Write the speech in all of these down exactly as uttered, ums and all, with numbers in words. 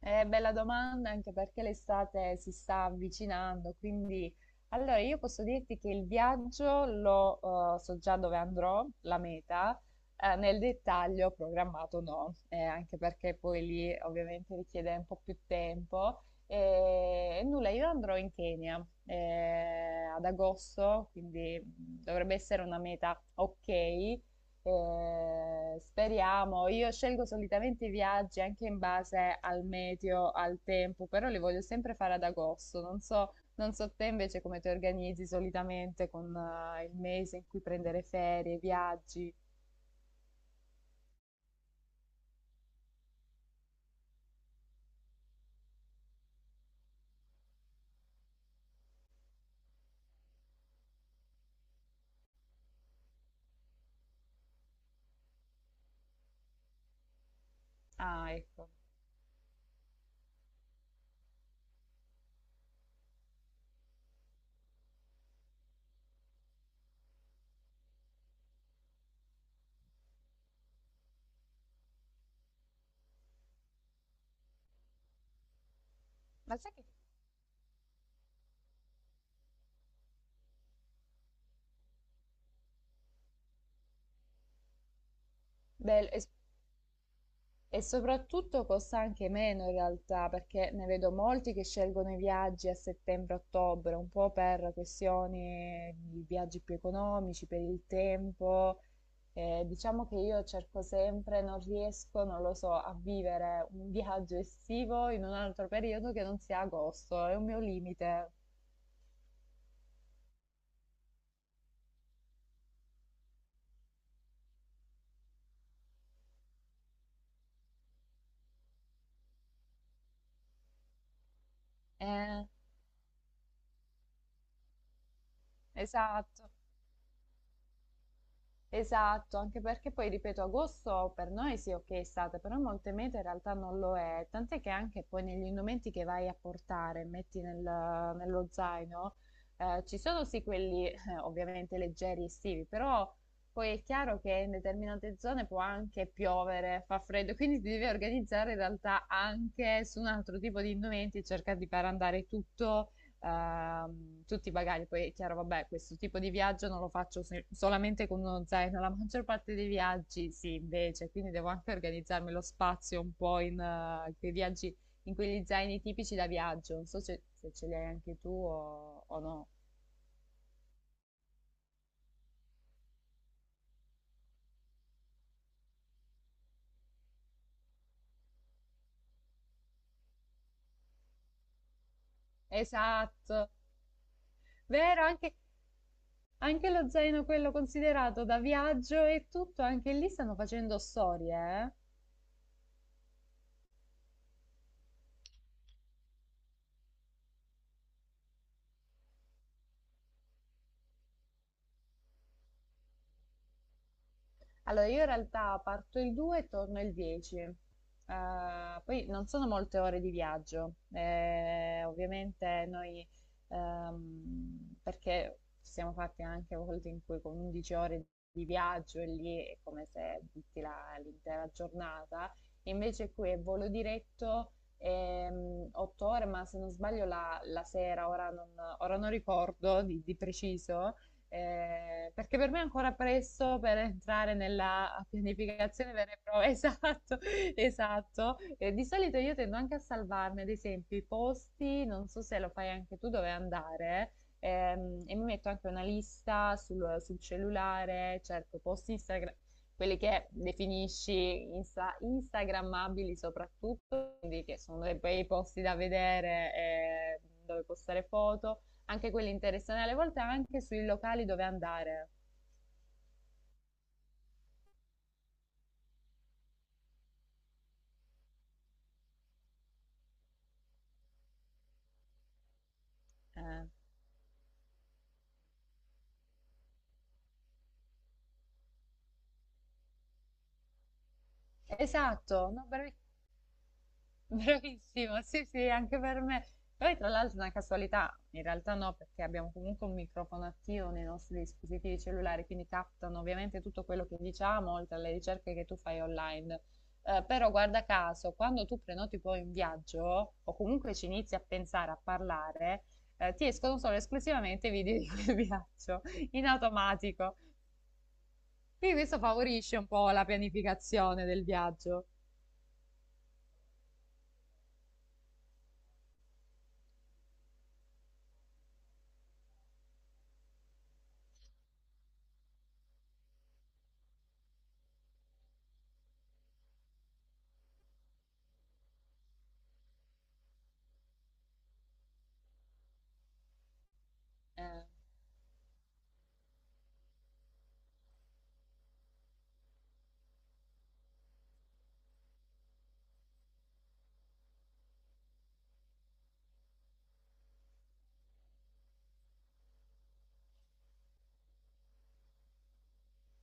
Eh, bella domanda anche perché l'estate si sta avvicinando, quindi allora io posso dirti che il viaggio lo eh, so già dove andrò, la meta, eh, nel dettaglio programmato no, eh, anche perché poi lì ovviamente richiede un po' più tempo. E nulla, io andrò in Kenya eh, ad agosto, quindi mm, dovrebbe essere una meta ok. Eh, speriamo, io scelgo solitamente i viaggi anche in base al meteo, al tempo, però li voglio sempre fare ad agosto. Non so, non so te invece come ti organizzi solitamente con eh, il mese in cui prendere ferie, viaggi. Ah, ecco. Ma sai che. Bello, e, e soprattutto costa anche meno in realtà, perché ne vedo molti che scelgono i viaggi a settembre-ottobre, un po' per questioni di viaggi più economici, per il tempo. Ehm, diciamo che io cerco sempre non riesco, non lo so, a vivere un viaggio estivo in un altro periodo che non sia agosto, è un mio limite. Eh, esatto. Esatto, anche perché poi, ripeto, agosto per noi sì, ok, estate, però molte mete in realtà non lo è, tant'è che anche poi negli indumenti che vai a portare, metti nel- nello zaino, eh, ci sono sì quelli eh, ovviamente leggeri estivi, però poi è chiaro che in determinate zone può anche piovere, fa freddo, quindi ti devi organizzare in realtà anche su un altro tipo di indumenti, cercare di far andare tutto ehm, tutti i bagagli. Poi è chiaro, vabbè, questo tipo di viaggio non lo faccio se- solamente con uno zaino, la maggior parte dei viaggi sì, invece, quindi devo anche organizzarmi lo spazio un po' in eh, quei viaggi, in quegli zaini tipici da viaggio. Non so se, se ce li hai anche tu o, o no. Esatto, vero, anche, anche lo zaino quello considerato da viaggio e tutto, anche lì stanno facendo storie, eh? Allora, io in realtà parto il due e torno il dieci. Eh, poi non sono molte ore di viaggio. Eh, ovviamente noi, ehm, perché ci siamo fatti anche volte in cui con undici ore di viaggio e lì è come se butti la- l'intera giornata. Invece qui è volo diretto, ehm, otto ore, ma se non sbaglio la, la sera, ora non, ora non ricordo di di preciso eh, perché per me è ancora presto per entrare nella pianificazione vera e propria. Esatto, esatto. Eh, di solito io tendo anche a salvarmi, ad esempio, i posti, non so se lo fai anche tu, dove andare. Ehm, e mi metto anche una lista sul, sul cellulare, cerco post Instagram, quelli che definisci insta- instagrammabili soprattutto, quindi che sono dei bei posti da vedere, eh, dove postare foto anche quelli interessanti, alle volte anche sui locali dove andare. Eh, Esatto, no, bravi- bravissimo, sì, sì, anche per me. Poi tra l'altro è una casualità, in realtà no, perché abbiamo comunque un microfono attivo nei nostri dispositivi cellulari, quindi captano ovviamente tutto quello che diciamo, oltre alle ricerche che tu fai online. Eh, però guarda caso, quando tu prenoti poi un viaggio, o comunque ci inizi a pensare, a parlare, eh, ti escono solo esclusivamente i video di quel viaggio, in automatico. Quindi questo favorisce un po' la pianificazione del viaggio. Eh,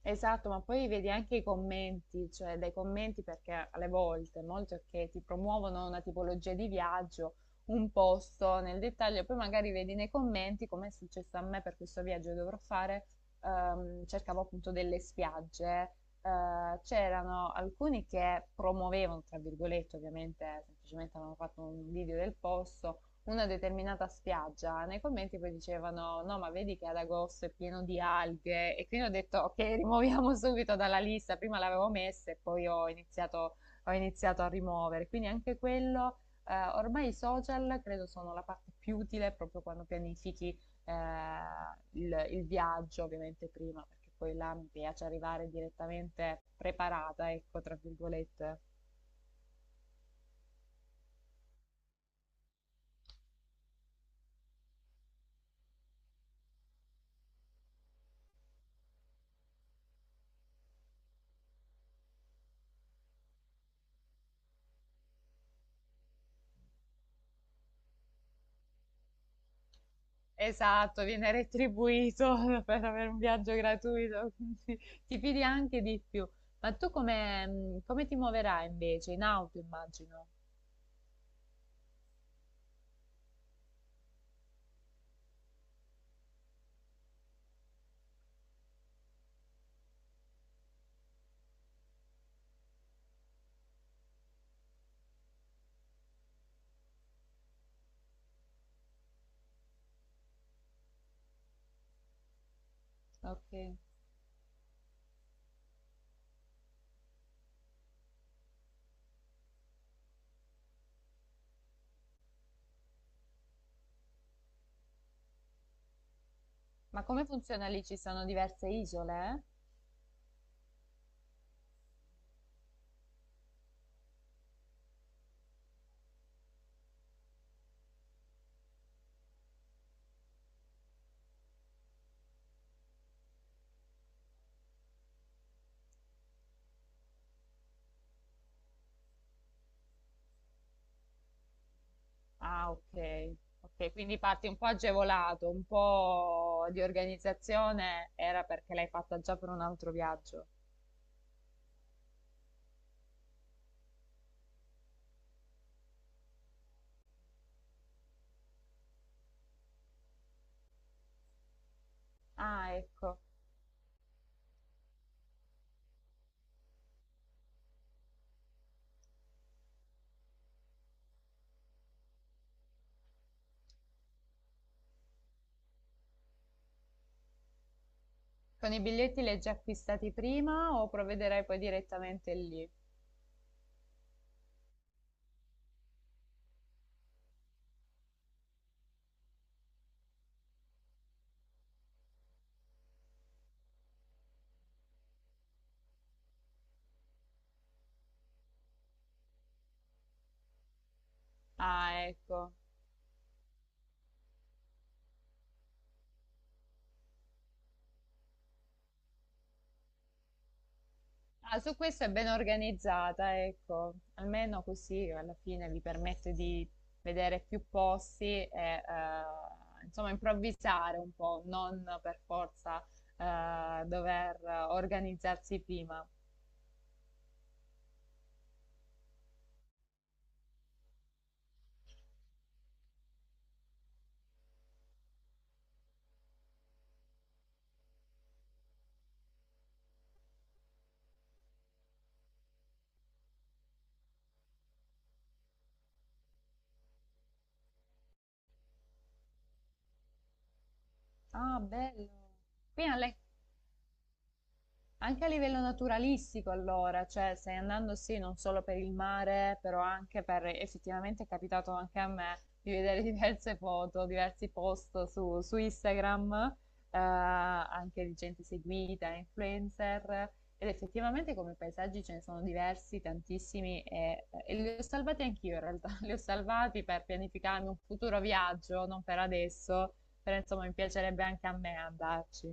esatto, ma poi vedi anche i commenti, cioè dai commenti perché alle volte molti ok ti promuovono una tipologia di viaggio, un posto nel dettaglio, e poi magari vedi nei commenti come è successo a me per questo viaggio che dovrò fare, ehm, cercavo appunto delle spiagge, eh, c'erano alcuni che promuovevano, tra virgolette, ovviamente semplicemente avevano fatto un video del posto, una determinata spiaggia, nei commenti poi dicevano no, ma vedi che ad agosto è pieno di alghe e quindi ho detto ok, rimuoviamo subito dalla lista, prima l'avevo messa e poi ho iniziato, ho iniziato, a rimuovere, quindi anche quello, eh, ormai i social credo sono la parte più utile proprio quando pianifichi eh, il, il viaggio, ovviamente prima, perché poi là mi piace arrivare direttamente preparata, ecco, tra virgolette. Esatto, viene retribuito per avere un viaggio gratuito, quindi ti fidi anche di più. Ma tu come, mh, come ti muoverai invece? In auto, immagino. Ok. Ma come funziona lì? Ci sono diverse isole, eh? Ah, ok. Ok, quindi parti un po' agevolato, un po' di organizzazione era perché l'hai fatta già per un altro viaggio. Ah, ecco. Con i biglietti li hai già acquistati prima o provvederai poi direttamente lì? Ah, ecco. Ah, su questo è ben organizzata, ecco, almeno così alla fine vi permette di vedere più posti e eh, insomma improvvisare un po', non per forza eh, dover organizzarsi prima. Ah, bello. Qui alle Anche a livello naturalistico, allora, cioè stai andando sì, non solo per il mare, però anche per, effettivamente è capitato anche a me di vedere diverse foto, diversi post su, su Instagram, eh, anche di gente seguita, influencer, ed effettivamente come paesaggi ce ne sono diversi, tantissimi, e, e li ho salvati anch'io in realtà, li ho salvati per pianificarmi un futuro viaggio, non per adesso, però insomma mi piacerebbe anche a me andarci.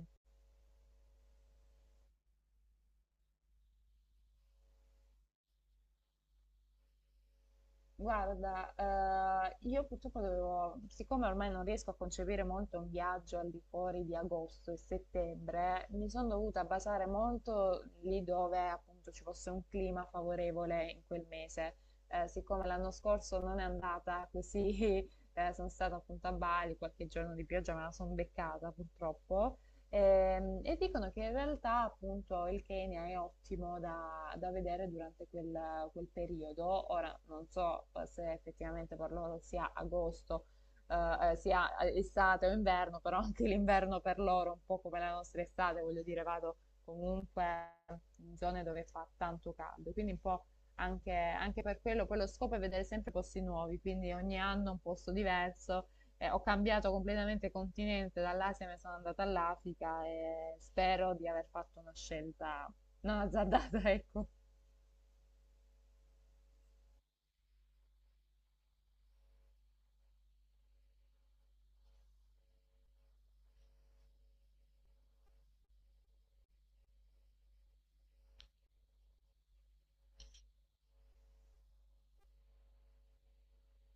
Guarda, eh, io purtroppo dovevo, siccome ormai non riesco a concepire molto un viaggio al di fuori di agosto e settembre, mi sono dovuta basare molto lì dove appunto ci fosse un clima favorevole in quel mese. Eh, siccome l'anno scorso non è andata così, eh, sono stata appunto a Bali, qualche giorno di pioggia me la sono beccata purtroppo. Ehm, e dicono che in realtà appunto il Kenya è ottimo da, da vedere durante quel, quel periodo. Ora non so eh, se effettivamente per loro sia agosto, eh, eh, sia eh, estate o inverno, però anche l'inverno per loro è un po' come la nostra estate, voglio dire, vado comunque in zone dove fa tanto caldo, quindi un po' anche, anche per quello, poi lo scopo è vedere sempre posti nuovi, quindi ogni anno un posto diverso eh, ho cambiato completamente continente, dall'Asia mi sono andata all'Africa e spero di aver fatto una scelta non azzardata, ecco.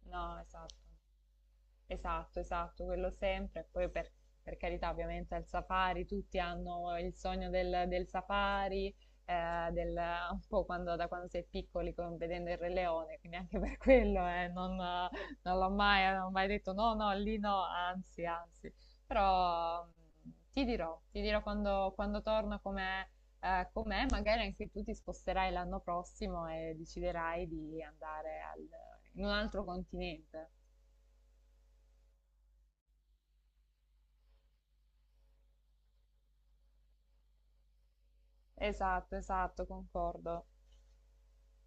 No, esatto. Esatto, esatto, quello sempre. E poi per, per carità, ovviamente al safari tutti hanno il sogno del, del safari, eh, del, un po' quando, da quando sei piccoli, con- vedendo il Re Leone, quindi anche per quello eh, non, non l'ho mai, non ho mai detto no, no, lì no, anzi, anzi. Però mh, ti dirò, ti dirò quando, quando torno com'è, eh, com'è, magari anche tu ti sposterai l'anno prossimo e deciderai di andare al- in un altro continente. Esatto, esatto, concordo.